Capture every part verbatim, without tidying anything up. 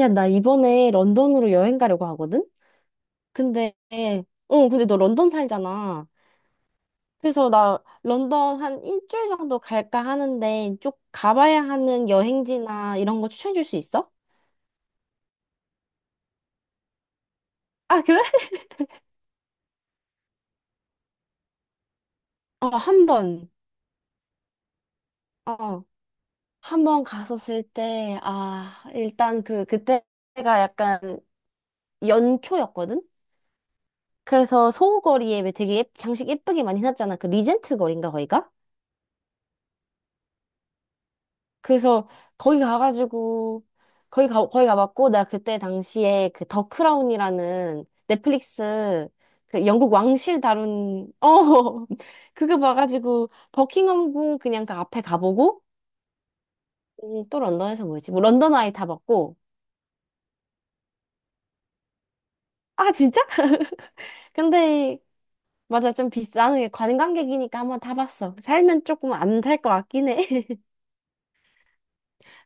야, 나 이번에 런던으로 여행 가려고 하거든? 근데, 어, 근데 너 런던 살잖아. 그래서 나 런던 한 일주일 정도 갈까 하는데, 쭉 가봐야 하는 여행지나 이런 거 추천해 줄 수 있어? 아, 그래? 어, 한 번. 어, 한 번 갔었을 때, 아, 일단 그, 그때가 약간 연초였거든? 그래서 소호거리에 왜 되게 예- 장식 예쁘게 많이 해놨잖아. 그 리젠트 거리인가, 거기가? 그래서 거기 가가지고 거기 가 거기 가봤고, 나 그때 당시에 그 더 크라운이라는 넷플릭스, 그 영국 왕실 다룬 어 그거 봐가지고 버킹엄 궁 그냥 그 앞에 가보고. 음, 또 런던에서 뭐였지, 뭐 런던 아이 다 봤고. 아 진짜? 근데 맞아, 좀 비싼 게 관광객이니까 한번 타봤어. 살면 조금 안 탈 것 같긴 해. 아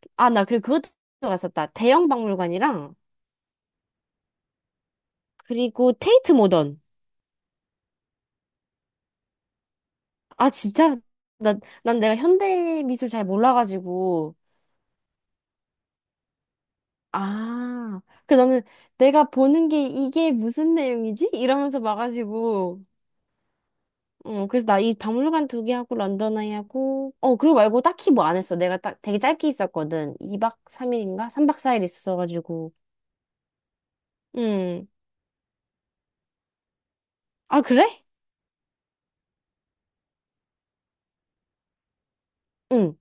나 그리고 그것도 갔었다, 대형 박물관이랑, 그리고 테이트 모던. 아, 진짜? 나, 난 내가 현대 미술 잘 몰라가지고. 아, 그 나는 내가 보는 게 이게 무슨 내용이지? 이러면서 봐가지고. 어, 그래서 나 이 박물관 두 개 하고 런던 아이 하고. 어, 그리고 말고 딱히 뭐 안 했어. 내가 딱 되게 짧게 있었거든. 이 박 삼 일인가? 삼 박 사 일 있었어가지고. 응. 아, 그래? 응.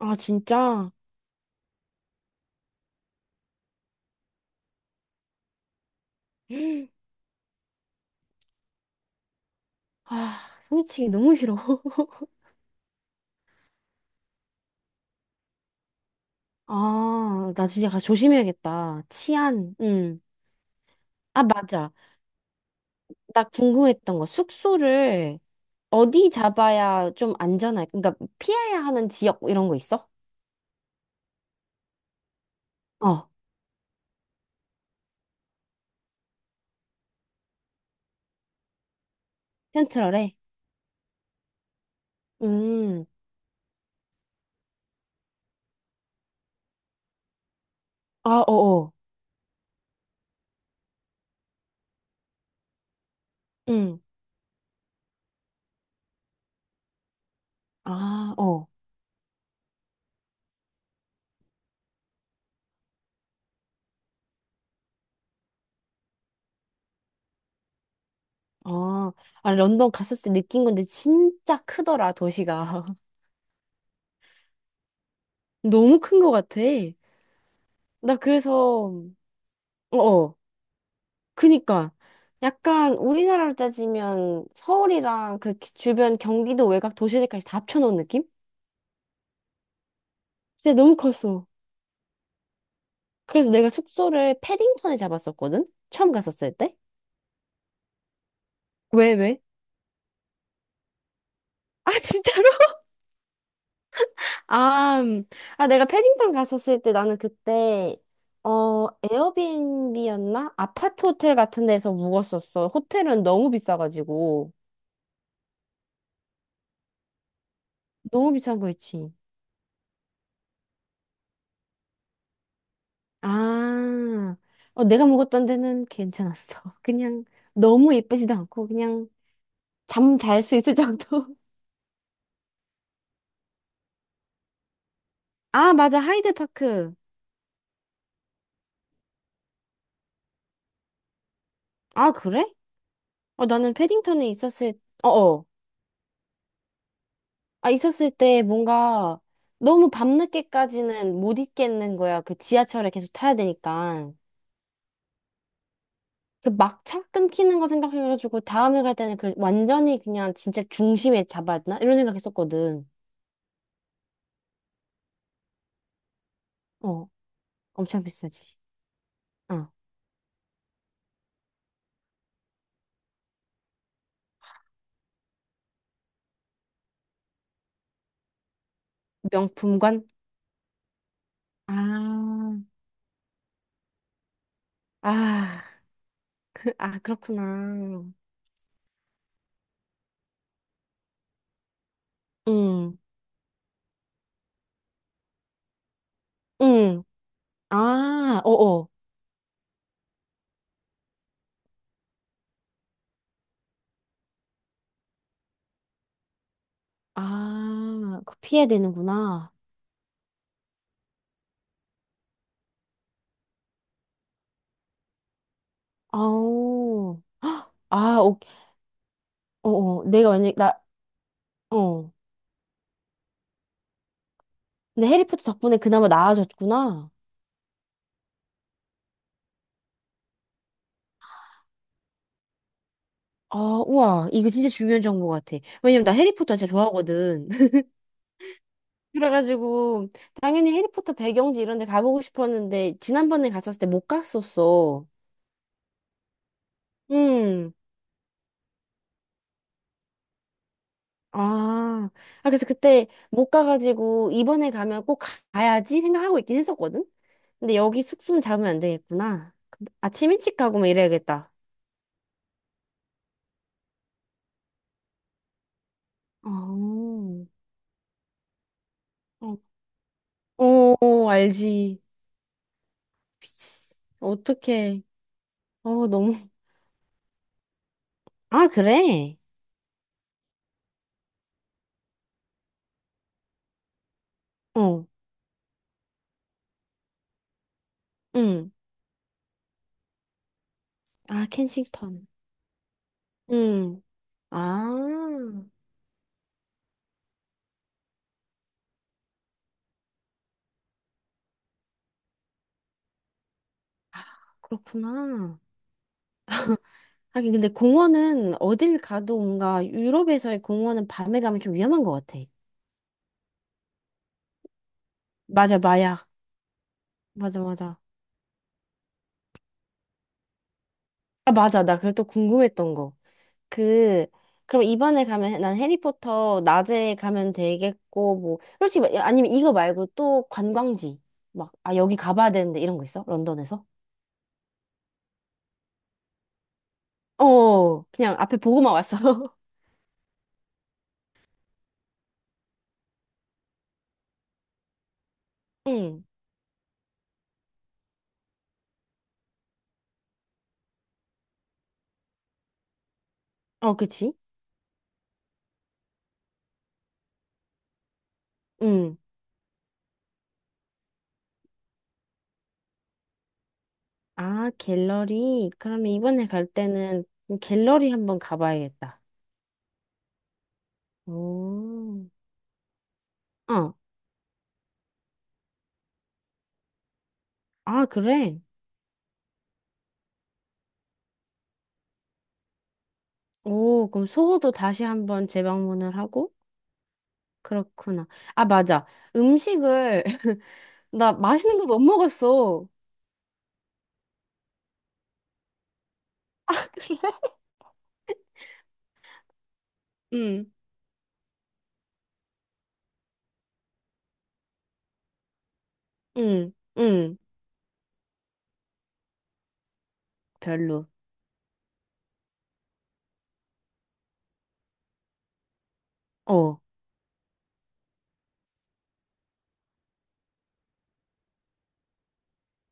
아, 진짜? 아, 솔치기 너무 싫어. 아, 나 진짜 가- 조심해야겠다. 치안, 응. 아, 맞아. 나 궁금했던 거, 숙소를 어디 잡아야 좀 안전할, 그러니까 피해야 하는 지역 이런 거 있어? 어, 센트럴에? 음, 아, 어어, 음, 아, 어, 아. 아, 런던 갔었을 때 느낀 건데 진짜 크더라, 도시가. 너무 큰 거 같아. 나 그래서, 어어, 그니까, 약간 우리나라로 따지면 서울이랑 그렇게 주변 경기도 외곽 도시들까지 다 합쳐놓은 느낌? 진짜 너무 컸어. 그래서 내가 숙소를 패딩턴에 잡았었거든? 처음 갔었을 때? 왜, 왜? 아, 진짜로? 아, 음. 아, 내가 패딩턴 갔었을 때 나는 그때, 어, 에어비앤비였나? 아파트 호텔 같은 데서 묵었었어. 호텔은 너무 비싸가지고. 너무 비싼 거 있지. 아, 어, 내가 묵었던 데는 괜찮았어. 그냥 너무 예쁘지도 않고, 그냥 잠 잘 수 있을 정도. 아, 맞아. 하이드파크. 아, 그래? 어, 나는 패딩턴에 있었을, 어어. 아, 있었을 때 뭔가 너무 밤늦게까지는 못 있겠는 거야. 그 지하철에 계속 타야 되니까. 그 막차 끊기는 거 생각해가지고 다음에 갈 때는 그 완전히 그냥 진짜 중심에 잡아야 되나? 이런 생각했었거든. 어, 엄청 비싸지. 어, 명품관? 아, 아, 그, 아, 그렇구나. 응, 응. 아, 어어. 아, 그 피해야 되는구나. 아오. 아, 오, 어어. 내가 만약에, 나, 어. 근데 해리포터 덕분에 그나마 나아졌구나. 아, 우와. 이거 진짜 중요한 정보 같아. 왜냐면 나 해리포터 진짜 좋아하거든. 그래가지고, 당연히 해리포터 배경지 이런 데 가보고 싶었는데, 지난번에 갔었을 때 못 갔었어. 음. 아. 아, 그래서 그때 못 가가지고, 이번에 가면 꼭 가야지 생각하고 있긴 했었거든? 근데 여기 숙소는 잡으면 안 되겠구나. 아침 일찍 가고 막 이래야겠다. 어, 어, 어, 알지. 미치. 어떡해. 어, 너무. 아, 그래? 어, 응. 아, 켄싱턴. 응. 아, 그렇구나. 하긴, 근데 공원은 어딜 가도 뭔가 유럽에서의 공원은 밤에 가면 좀 위험한 것 같아. 맞아, 마약. 맞아, 맞아. 아, 맞아. 나 그걸 또 궁금했던 거. 그, 그럼 이번에 가면 난 해리포터 낮에 가면 되겠고, 뭐, 솔직히, 말- 아니면 이거 말고 또 관광지, 막, 아, 여기 가봐야 되는데 이런 거 있어? 런던에서? 어, 그냥 앞에 보고만 왔어. 응. 어, 그치? 응. 아, 갤러리. 그러면 이번에 갈 때는 갤러리 한번 가봐야겠다. 오. 어. 아, 그래? 오, 그럼 소호도 다시 한번 재방문을 하고? 그렇구나. 아, 맞아. 음식을, 나 맛있는 걸 못 먹었어. 응, 응, 응. 별로. 어.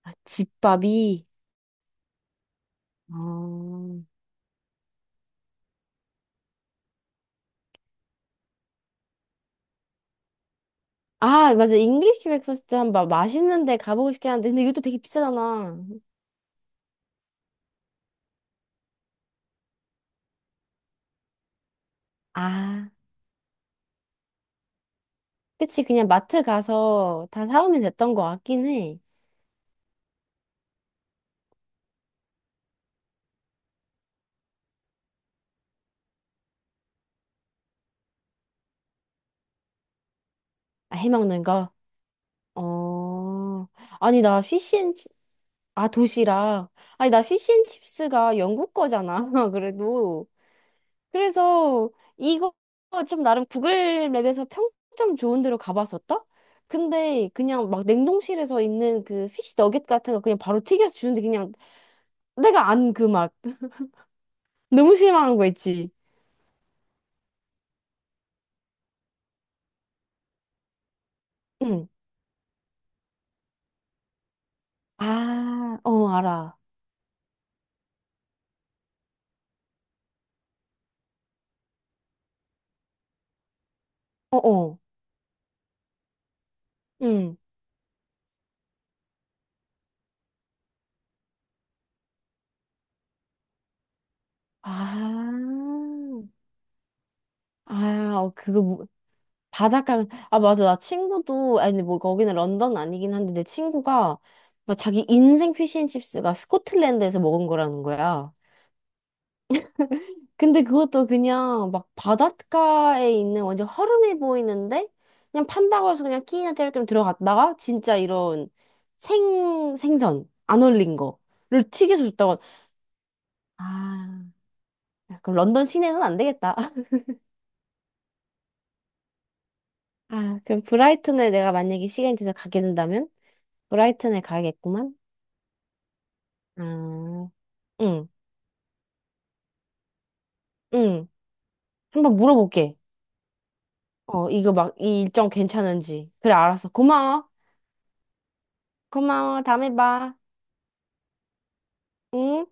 아, 집밥이. 어. 아, 맞아. 잉글리시 브렉퍼스트 한번 맛있는 데 가보고 싶긴 한데, 근데 이것도 되게 비싸잖아. 아. 그치, 그냥 마트 가서 다 사오면 됐던 거 같긴 해. 아, 해먹는 거? 어, 아니, 나 피시앤, 치- 아, 도시락. 아니, 나 피시앤칩스가 영국 거잖아, 그래도. 그래서 이거 좀 나름 구글 맵에서 평점 좋은 데로 가봤었다? 근데 그냥 막 냉동실에서 있는 그 피시 너겟 같은 거 그냥 바로 튀겨서 주는데, 그냥 내가 안 그 맛. 너무 실망한 거 있지? 응. 아, 어, 알아. 어어. 아, 아, 어, 그거, 무, 바닷가, 아, 맞아. 나 친구도, 아니, 근데 뭐, 거기는 런던 아니긴 한데, 내 친구가 막 자기 인생 피쉬앤칩스가 스코틀랜드에서 먹은 거라는 거야. 근데 그것도 그냥, 막, 바닷가에 있는 완전 허름해 보이는데, 그냥 판다고 해서 그냥 끼니나 때울 겸 들어갔다가, 진짜 이런 생, 생선, 안 얼린 거를 튀겨서 줬다고. 아, 그럼 런던 시내는 안 되겠다. 아, 그럼 브라이튼에 내가 만약에 시간이 돼서 가게 된다면? 브라이튼에 가야겠구만. 아, 응, 응. 한번 물어볼게. 어, 이거 막, 이 일정 괜찮은지. 그래, 알았어. 고마워. 고마워. 다음에 봐. 응?